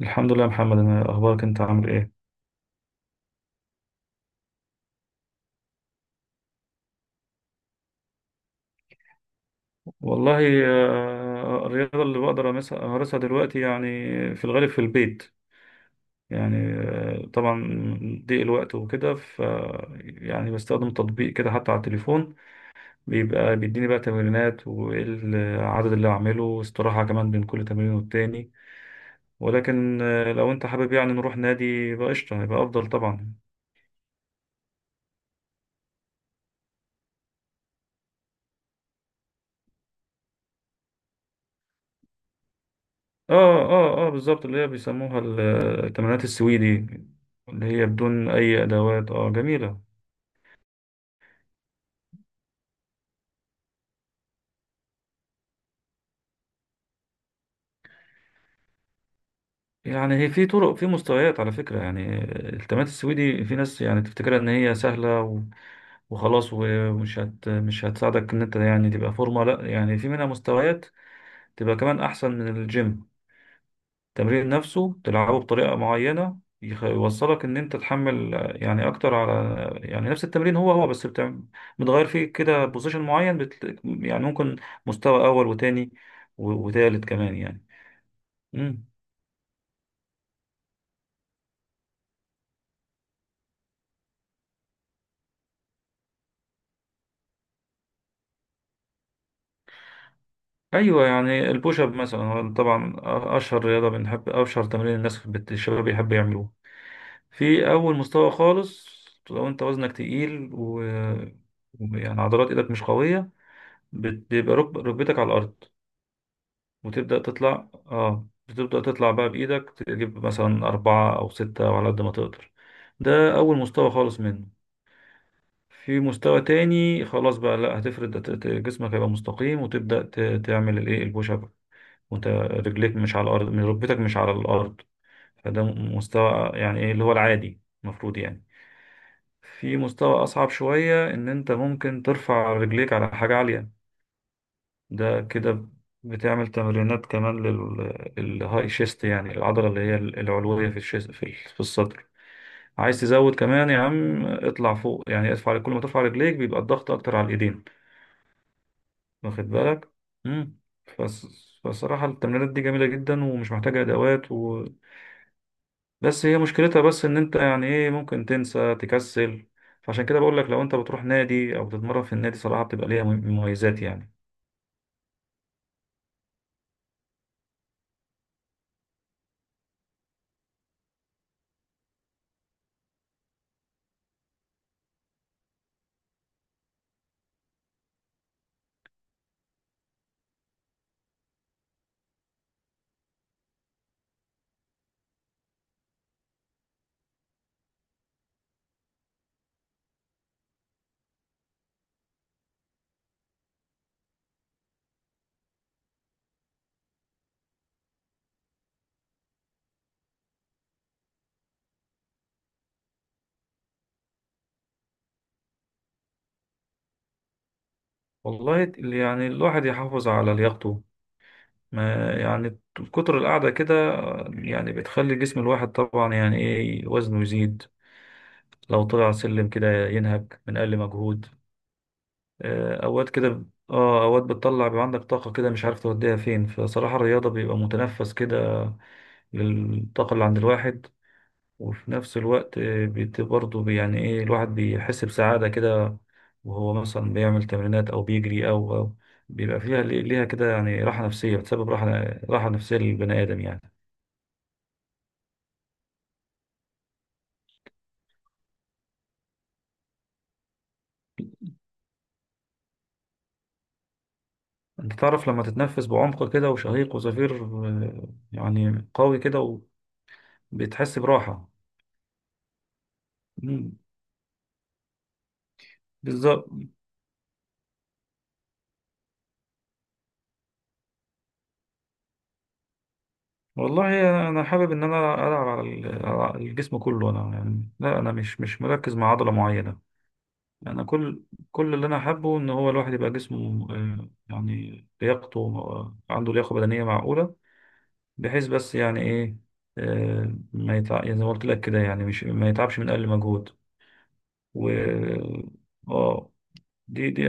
الحمد لله يا محمد، انا اخبارك؟ انت عامل ايه؟ والله، الرياضه اللي بقدر امارسها دلوقتي يعني، في الغالب في البيت. يعني طبعا ضيق الوقت وكده، يعني بستخدم تطبيق كده حتى على التليفون، بيبقى بيديني بقى تمرينات وايه العدد اللي هعمله واستراحه كمان بين كل تمرين والتاني. ولكن لو انت حابب يعني نروح نادي يبقى قشطه، يبقى افضل طبعا. اه اه بالظبط، اللي هي بيسموها التمرينات السويدي، اللي هي بدون اي ادوات. اه جميله. يعني هي في طرق، في مستويات على فكره. يعني التمرينات السويدي في ناس يعني تفتكرها ان هي سهله وخلاص، ومش هت مش هتساعدك ان انت يعني تبقى فورمه. لا، يعني في منها مستويات تبقى كمان احسن من الجيم. التمرين نفسه تلعبه بطريقة معينة، يوصلك ان انت تحمل يعني اكتر على، يعني نفس التمرين هو هو، بس بتغير فيه كده بوزيشن معين، يعني ممكن مستوى اول وتاني وتالت كمان يعني. مم. ايوه، يعني البوش اب مثلا هو طبعا اشهر رياضة بنحب، اشهر تمرين الناس الشباب بيحب يعملوه. في اول مستوى خالص، لو انت وزنك تقيل يعني عضلات ايدك مش قوية، بيبقى ركبتك على الارض، وتبدأ تطلع. اه، بتبدأ تطلع بقى بإيدك تجيب مثلا أربعة أو ستة أو على قد ما تقدر. ده أول مستوى خالص منه. في مستوى تاني، خلاص بقى لا هتفرد جسمك هيبقى مستقيم، وتبدأ تعمل الإيه، البوش أب، وأنت رجليك مش على الأرض، من ركبتك مش على الأرض. فده مستوى يعني إيه اللي هو العادي المفروض يعني. في مستوى أصعب شوية، إن أنت ممكن ترفع رجليك على حاجة عالية. ده كده بتعمل تمرينات كمان للهاي شيست، يعني العضلة اللي هي العلوية في الشيست، في الصدر. عايز تزود كمان يا عم، اطلع فوق، يعني ارفع. كل ما ترفع رجليك بيبقى الضغط اكتر على الايدين. واخد بالك. امم. فصراحة التمرينات دي جميلة جدا، ومش محتاجة ادوات بس هي مشكلتها، بس ان انت يعني ايه ممكن تنسى تكسل. فعشان كده بقول لك، لو انت بتروح نادي او بتتمرن في النادي صراحة، بتبقى ليها مميزات يعني. والله يعني الواحد يحافظ على لياقته، ما يعني كتر القعدة كده يعني بتخلي جسم الواحد طبعا يعني ايه وزنه يزيد، لو طلع سلم كده ينهك من أقل مجهود. أوقات كده، اه، أوقات بتطلع بيبقى عندك طاقة كده مش عارف توديها فين، فصراحة الرياضة بيبقى متنفس كده للطاقة اللي عند الواحد. وفي نفس الوقت برضه يعني ايه الواحد بيحس بسعادة كده، وهو مثلا بيعمل تمرينات أو بيجري أو بيبقى فيها، ليها كده يعني راحة نفسية، بتسبب راحة، راحة نفسية للبني آدم يعني. انت تعرف لما تتنفس بعمق كده، وشهيق وزفير يعني قوي كده وبتحس براحة. مم. بالظبط. والله، انا حابب ان انا العب على على الجسم كله. انا يعني لا، انا مش مركز مع عضلة معينة. انا كل اللي انا حابه ان هو الواحد يبقى جسمه يعني لياقته عنده لياقة بدنية معقولة، بحيث بس يعني ايه ما يتع... يعني زي ما قلت لك كده، يعني مش ما يتعبش من اقل مجهود. و اه. دي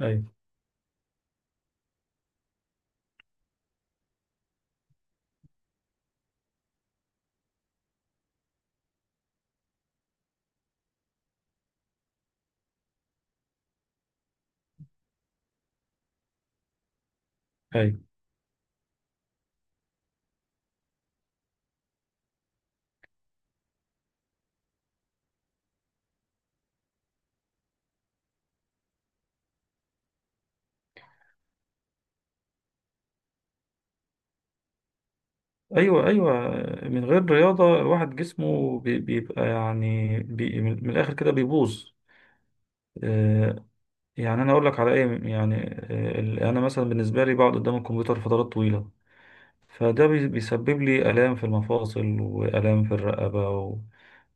ايوه، ايوه، ايوه، ايوه. من غير رياضه الواحد جسمه بيبقى يعني بي، من الاخر كده بيبوظ. آه، يعني انا اقول لك على ايه، يعني انا مثلا بالنسبه لي بقعد قدام الكمبيوتر فترات طويله، فده بيسبب لي الام في المفاصل، والام في الرقبه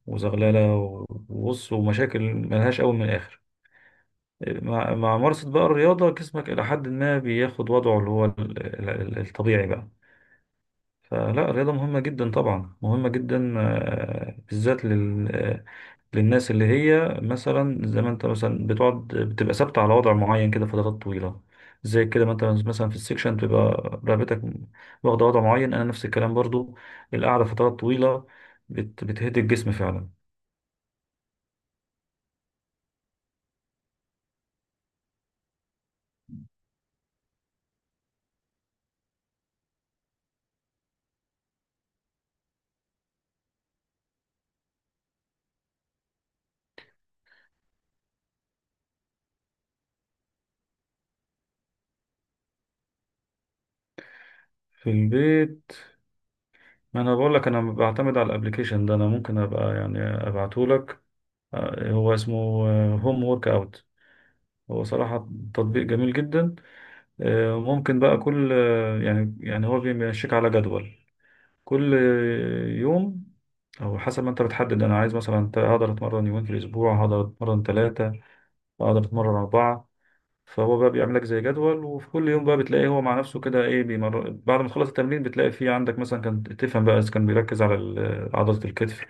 وزغلله وبص، ومشاكل ملهاش اول من الاخر. مع ممارسه بقى الرياضه، جسمك الى حد ما بياخد وضعه اللي هو الطبيعي بقى. فلا، الرياضة مهمة جدا طبعا، مهمة جدا بالذات للناس اللي هي مثلا زي ما انت، مثلا بتقعد بتبقى ثابتة على وضع معين كده فترات طويلة. زي كده ما انت مثلا في السكشن بتبقى رقبتك واخدة وضع معين. انا نفس الكلام برضو، القعدة فترات طويلة بتهدي الجسم فعلا. في البيت، ما انا بقول لك، انا بعتمد على الابلكيشن ده. انا ممكن ابقى يعني ابعته لك. هو اسمه هوم ورك اوت. هو صراحة تطبيق جميل جدا. ممكن بقى كل، يعني يعني هو بيمشيك على جدول كل يوم، او حسب ما انت بتحدد. انا عايز مثلا أنت هقدر اتمرن يومين في الاسبوع، هقدر اتمرن ثلاثة، هقدر اتمرن اربعة. فهو بقى بيعمل لك زي جدول، وفي كل يوم بقى بتلاقيه هو مع نفسه كده ايه بيمر. بعد ما تخلص التمرين بتلاقي فيه عندك مثلا كان تفهم بقى اذا كان بيركز على عضلة الكتف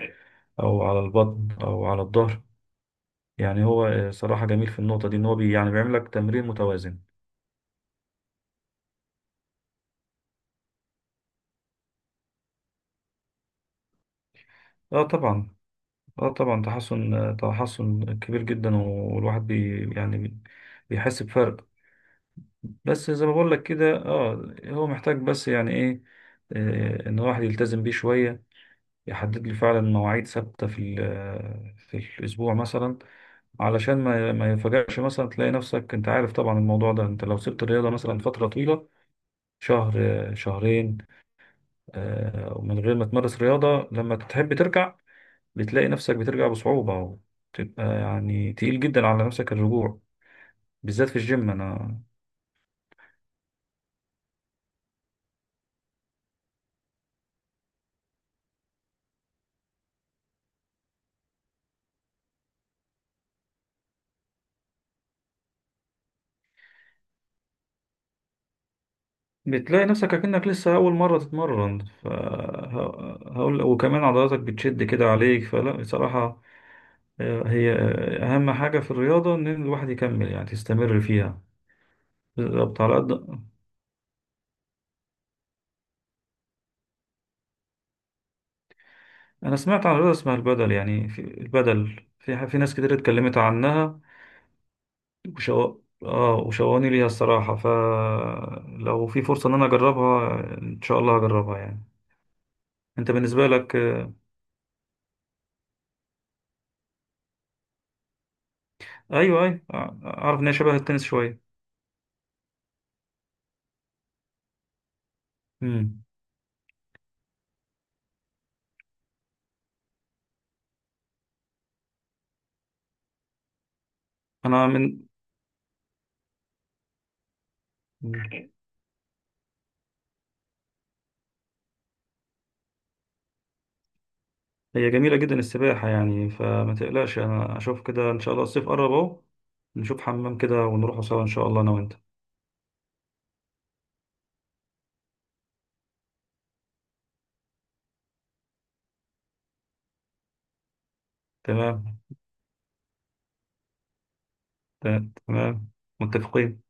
او على البطن او على الظهر. يعني هو صراحة جميل في النقطة دي ان هو بي، يعني بيعمل لك تمرين متوازن. اه طبعا، اه طبعا. تحسن، تحسن كبير جدا، والواحد بي، يعني بيحس بفرق. بس زي ما بقول لك كده، اه، هو محتاج بس يعني ايه ان الواحد يلتزم بيه شوية، يحدد له فعلا مواعيد ثابتة في في الاسبوع مثلا. علشان ما يفاجئش مثلا تلاقي نفسك. انت عارف طبعا الموضوع ده، انت لو سبت الرياضة مثلا فترة طويلة، شهر شهرين، ومن غير ما تمارس رياضة لما تحب ترجع بتلاقي نفسك بترجع بصعوبة، وتبقى يعني تقيل جدا على نفسك الرجوع، بالذات في الجيم. أنا بتلاقي نفسك أكنك لسه أول مرة تتمرن. هقول وكمان عضلاتك بتشد كده عليك، فلا بصراحة هي أهم حاجة في الرياضة إن الواحد يكمل، يعني تستمر فيها. بالظبط على قد. أنا سمعت عن رياضة اسمها البدل، يعني في البدل في ناس كتير اتكلمت عنها اه، وشوقني ليها الصراحة، فلو في فرصة ان انا اجربها ان شاء الله هجربها يعني. انت بالنسبة لك ايوه ايوه، اعرف ان هي شبه التنس شوية. امم. انا من، مم. هي جميلة جدا السباحة يعني، فما تقلقش، انا اشوف كده ان شاء الله. الصيف قرب اهو، نشوف حمام كده ونروح سوا ان شاء الله انا وانت. تمام. تمام. متفقين.